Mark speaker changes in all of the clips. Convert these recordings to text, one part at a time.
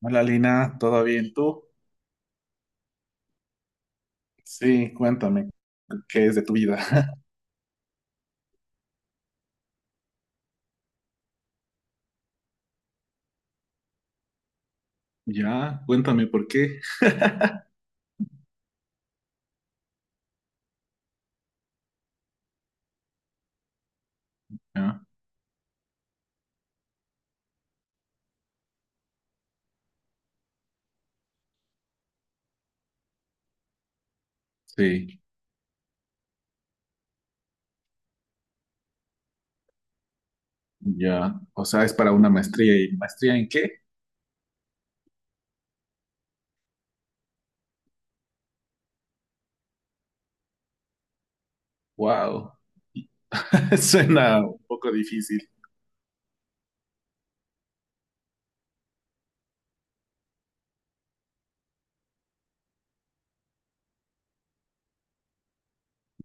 Speaker 1: Hola Lina, ¿todo bien tú? Sí, cuéntame, ¿qué es de tu vida? Ya, cuéntame por qué. Ya, sí, ya. O sea, es para una maestría. ¿Y maestría en qué? Wow, suena un poco difícil.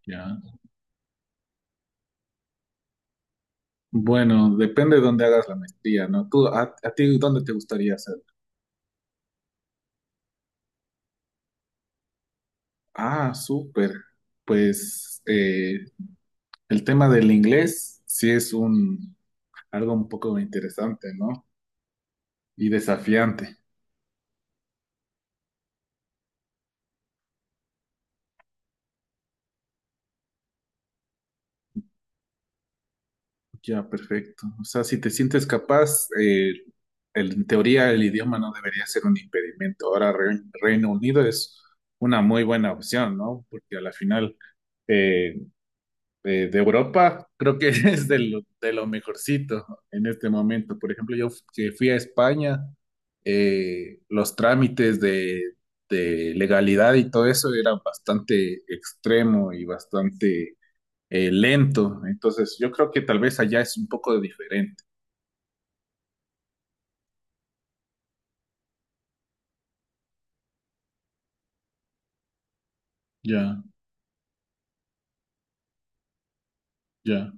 Speaker 1: Ya. Bueno, depende de dónde hagas la maestría, ¿no? ¿Tú, a ti dónde te gustaría hacer? Ah, súper. Pues el tema del inglés sí es un algo un poco interesante, ¿no? Y desafiante. Ya, perfecto. O sea, si te sientes capaz, en teoría el idioma no debería ser un impedimento. Ahora Reino Unido es una muy buena opción, ¿no? Porque a la final eh, de Europa creo que es de de lo mejorcito en este momento. Por ejemplo, yo que fui a España, los trámites de legalidad y todo eso eran bastante extremo y bastante lento. Entonces, yo creo que tal vez allá es un poco diferente. Ya, ya.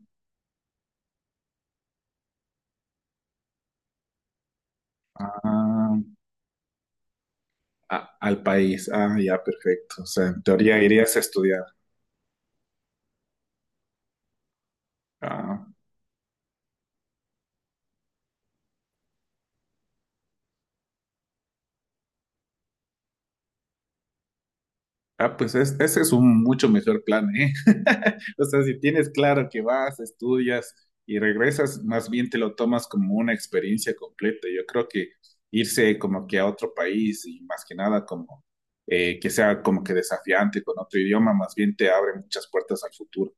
Speaker 1: Ah, al país. Ah, ya, perfecto. O sea, en teoría irías a estudiar. Ah, ah, pues ese es un mucho mejor plan, ¿eh? O sea, si tienes claro que vas, estudias y regresas, más bien te lo tomas como una experiencia completa. Yo creo que irse como que a otro país y más que nada como que sea como que desafiante con otro idioma, más bien te abre muchas puertas al futuro.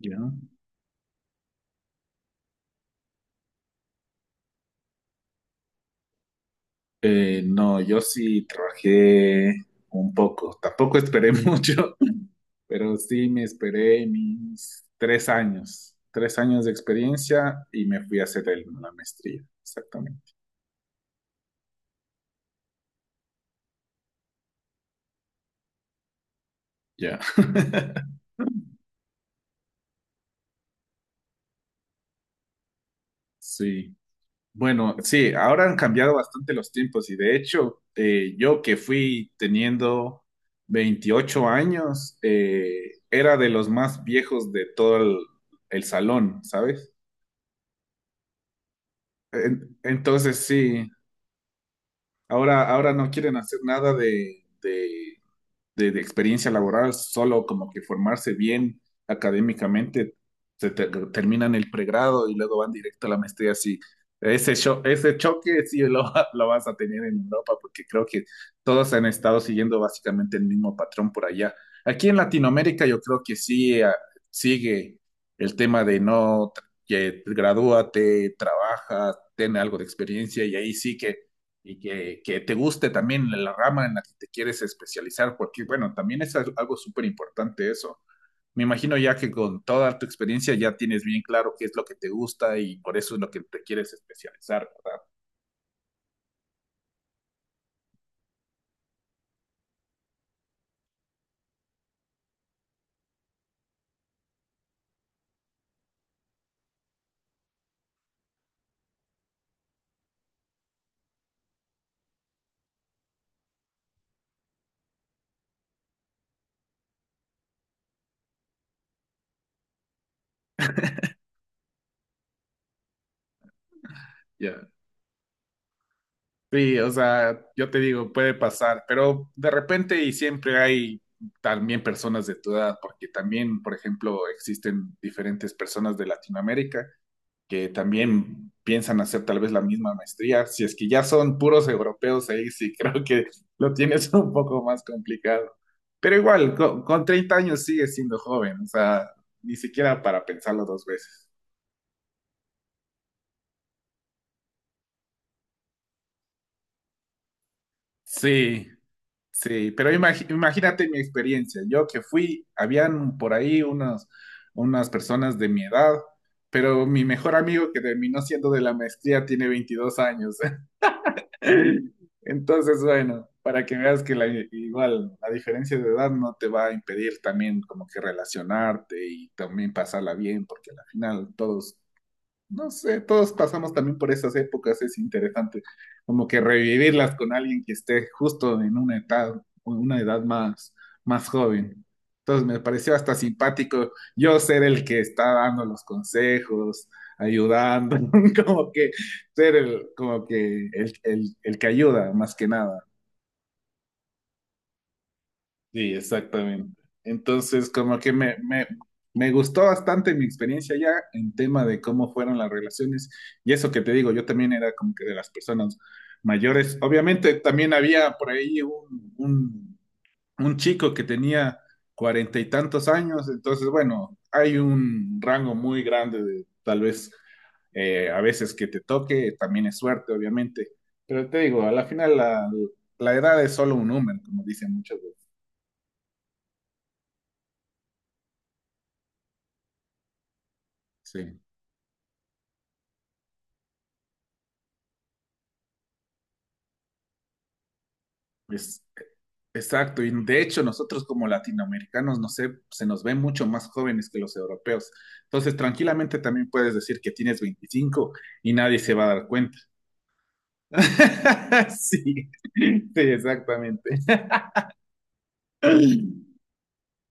Speaker 1: Ya. No, yo sí trabajé un poco, tampoco esperé mucho, pero sí me esperé mis 3 años, 3 años de experiencia y me fui a hacer la maestría, exactamente. Ya. Sí. Bueno, sí, ahora han cambiado bastante los tiempos y de hecho, yo que fui teniendo 28 años, era de los más viejos de todo el salón, ¿sabes? Entonces sí, ahora no quieren hacer nada de experiencia laboral, solo como que formarse bien académicamente, se terminan el pregrado y luego van directo a la maestría. Sí, ese choque sí lo vas a tener en Europa porque creo que todos han estado siguiendo básicamente el mismo patrón por allá. Aquí en Latinoamérica yo creo que sí sigue el tema de no, que gradúate, trabaja, ten algo de experiencia y ahí sí que y que te guste también la rama en la que te quieres especializar, porque bueno, también es algo súper importante eso. Me imagino ya que con toda tu experiencia ya tienes bien claro qué es lo que te gusta y por eso es lo que te quieres especializar, ¿verdad? Ya. Yeah. Sí, o sea, yo te digo, puede pasar, pero de repente y siempre hay también personas de tu edad, porque también, por ejemplo, existen diferentes personas de Latinoamérica que también piensan hacer tal vez la misma maestría. Si es que ya son puros europeos ahí, sí creo que lo tienes un poco más complicado. Pero igual, con 30 años sigues siendo joven, o sea, ni siquiera para pensarlo dos veces. Sí, sí, pero imagínate mi experiencia. Yo que fui, habían por ahí unas personas de mi edad, pero mi mejor amigo que terminó siendo de la maestría tiene 22 años. Entonces, bueno, para que veas que igual la diferencia de edad no te va a impedir también como que relacionarte y también pasarla bien, porque al final todos no sé, todos pasamos también por esas épocas, es interesante como que revivirlas con alguien que esté justo en una edad, o en una edad más, más joven. Entonces me pareció hasta simpático yo ser el que está dando los consejos, ayudando, como que ser el, como que el que ayuda más que nada. Sí, exactamente. Entonces, como que me gustó bastante mi experiencia ya en tema de cómo fueron las relaciones. Y eso que te digo, yo también era como que de las personas mayores. Obviamente, también había por ahí un chico que tenía cuarenta y tantos años. Entonces, bueno, hay un rango muy grande de tal vez a veces que te toque, también es suerte, obviamente. Pero te digo, a la final la edad es solo un número, como dicen muchos. Sí. Pues, exacto, y de hecho nosotros como latinoamericanos, no sé, se nos ven mucho más jóvenes que los europeos. Entonces, tranquilamente también puedes decir que tienes 25 y nadie se va a dar cuenta. Sí, sí, exactamente.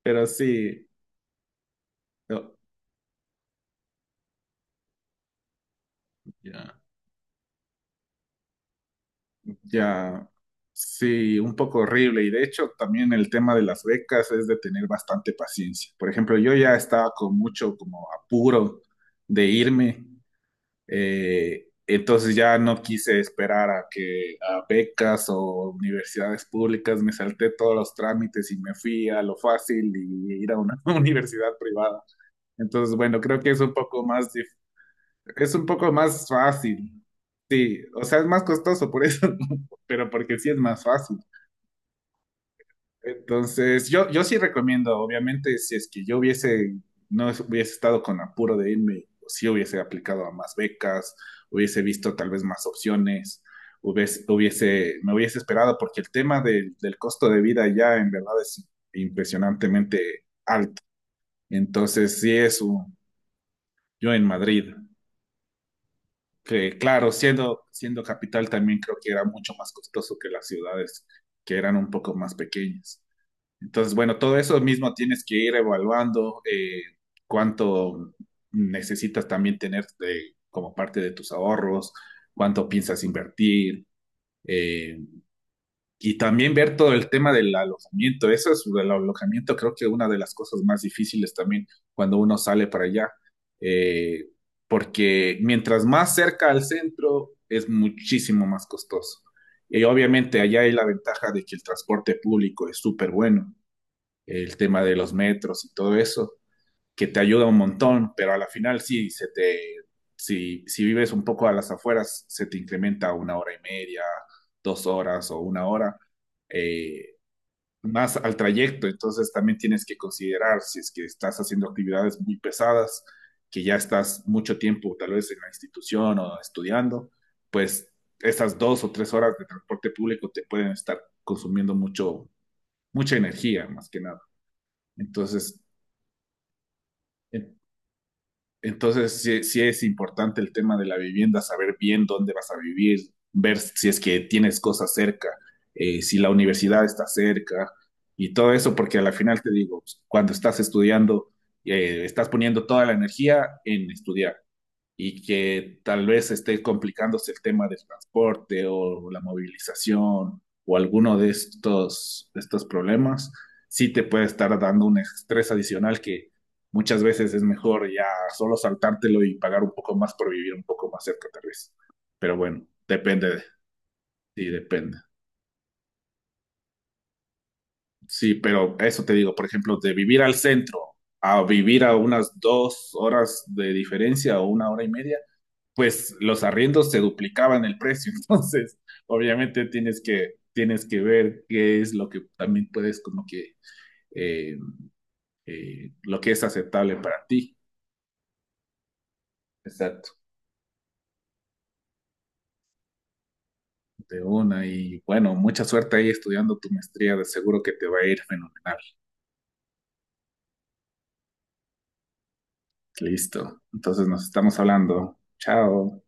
Speaker 1: Pero sí, no, ya, ya, sí, un poco horrible. Y de hecho, también el tema de las becas es de tener bastante paciencia. Por ejemplo, yo ya estaba con mucho como apuro de irme. Entonces ya no quise esperar a becas o universidades públicas, me salté todos los trámites y me fui a lo fácil y ir a una universidad privada. Entonces, bueno, creo que es un poco más fácil. Sí, o sea, es más costoso por eso, pero porque sí es más fácil. Entonces, yo sí recomiendo, obviamente, si es que yo hubiese, no hubiese estado con apuro de irme, sí hubiese aplicado a más becas, hubiese visto tal vez más opciones, me hubiese esperado, porque el tema del costo de vida ya en verdad es impresionantemente. Entonces, sí, yo en Madrid, que claro, siendo capital también creo que era mucho más costoso que las ciudades que eran un poco más pequeñas. Entonces, bueno, todo eso mismo tienes que ir evaluando cuánto necesitas también tener como parte de tus ahorros, cuánto piensas invertir eh, y también ver todo el tema del alojamiento. Eso es el alojamiento, creo que una de las cosas más difíciles también cuando uno sale para allá, eh, porque mientras más cerca al centro es muchísimo más costoso. Y obviamente allá hay la ventaja de que el transporte público es súper bueno el tema de los metros y todo eso, que te ayuda un montón, pero a la final sí, se te, si, si vives un poco a las afueras, se te incrementa a 1 hora y media, 2 horas o 1 hora. Eh, Más al trayecto, entonces también tienes que considerar si es que estás haciendo actividades muy pesadas, que ya estás mucho tiempo tal vez en la institución o estudiando, pues esas 2 o 3 horas de transporte público te pueden estar consumiendo mucho, mucha energía más que nada. Entonces En- Entonces, sí, sí es importante el tema de la vivienda, saber bien dónde vas a vivir, ver si es que tienes cosas cerca, si la universidad está cerca y todo eso, porque a la final te digo, pues, cuando estás estudiando, estás poniendo toda la energía en estudiar y que tal vez esté complicándose el tema del transporte o la movilización o alguno de estos, problemas, sí te puede estar dando un estrés adicional que muchas veces es mejor ya solo saltártelo y pagar un poco más por vivir un poco más cerca tal vez. Pero bueno, depende, sí, depende. Sí, pero eso te digo, por ejemplo, de vivir al centro a vivir a unas 2 horas de diferencia o 1 hora y media, pues los arriendos se duplicaban el precio. Entonces, obviamente tienes que, ver qué es lo que también puedes como que, eh, lo que es aceptable para ti. Exacto, de una. Y bueno, mucha suerte ahí estudiando tu maestría. De seguro que te va a ir fenomenal. Listo. Entonces nos estamos hablando. Chao.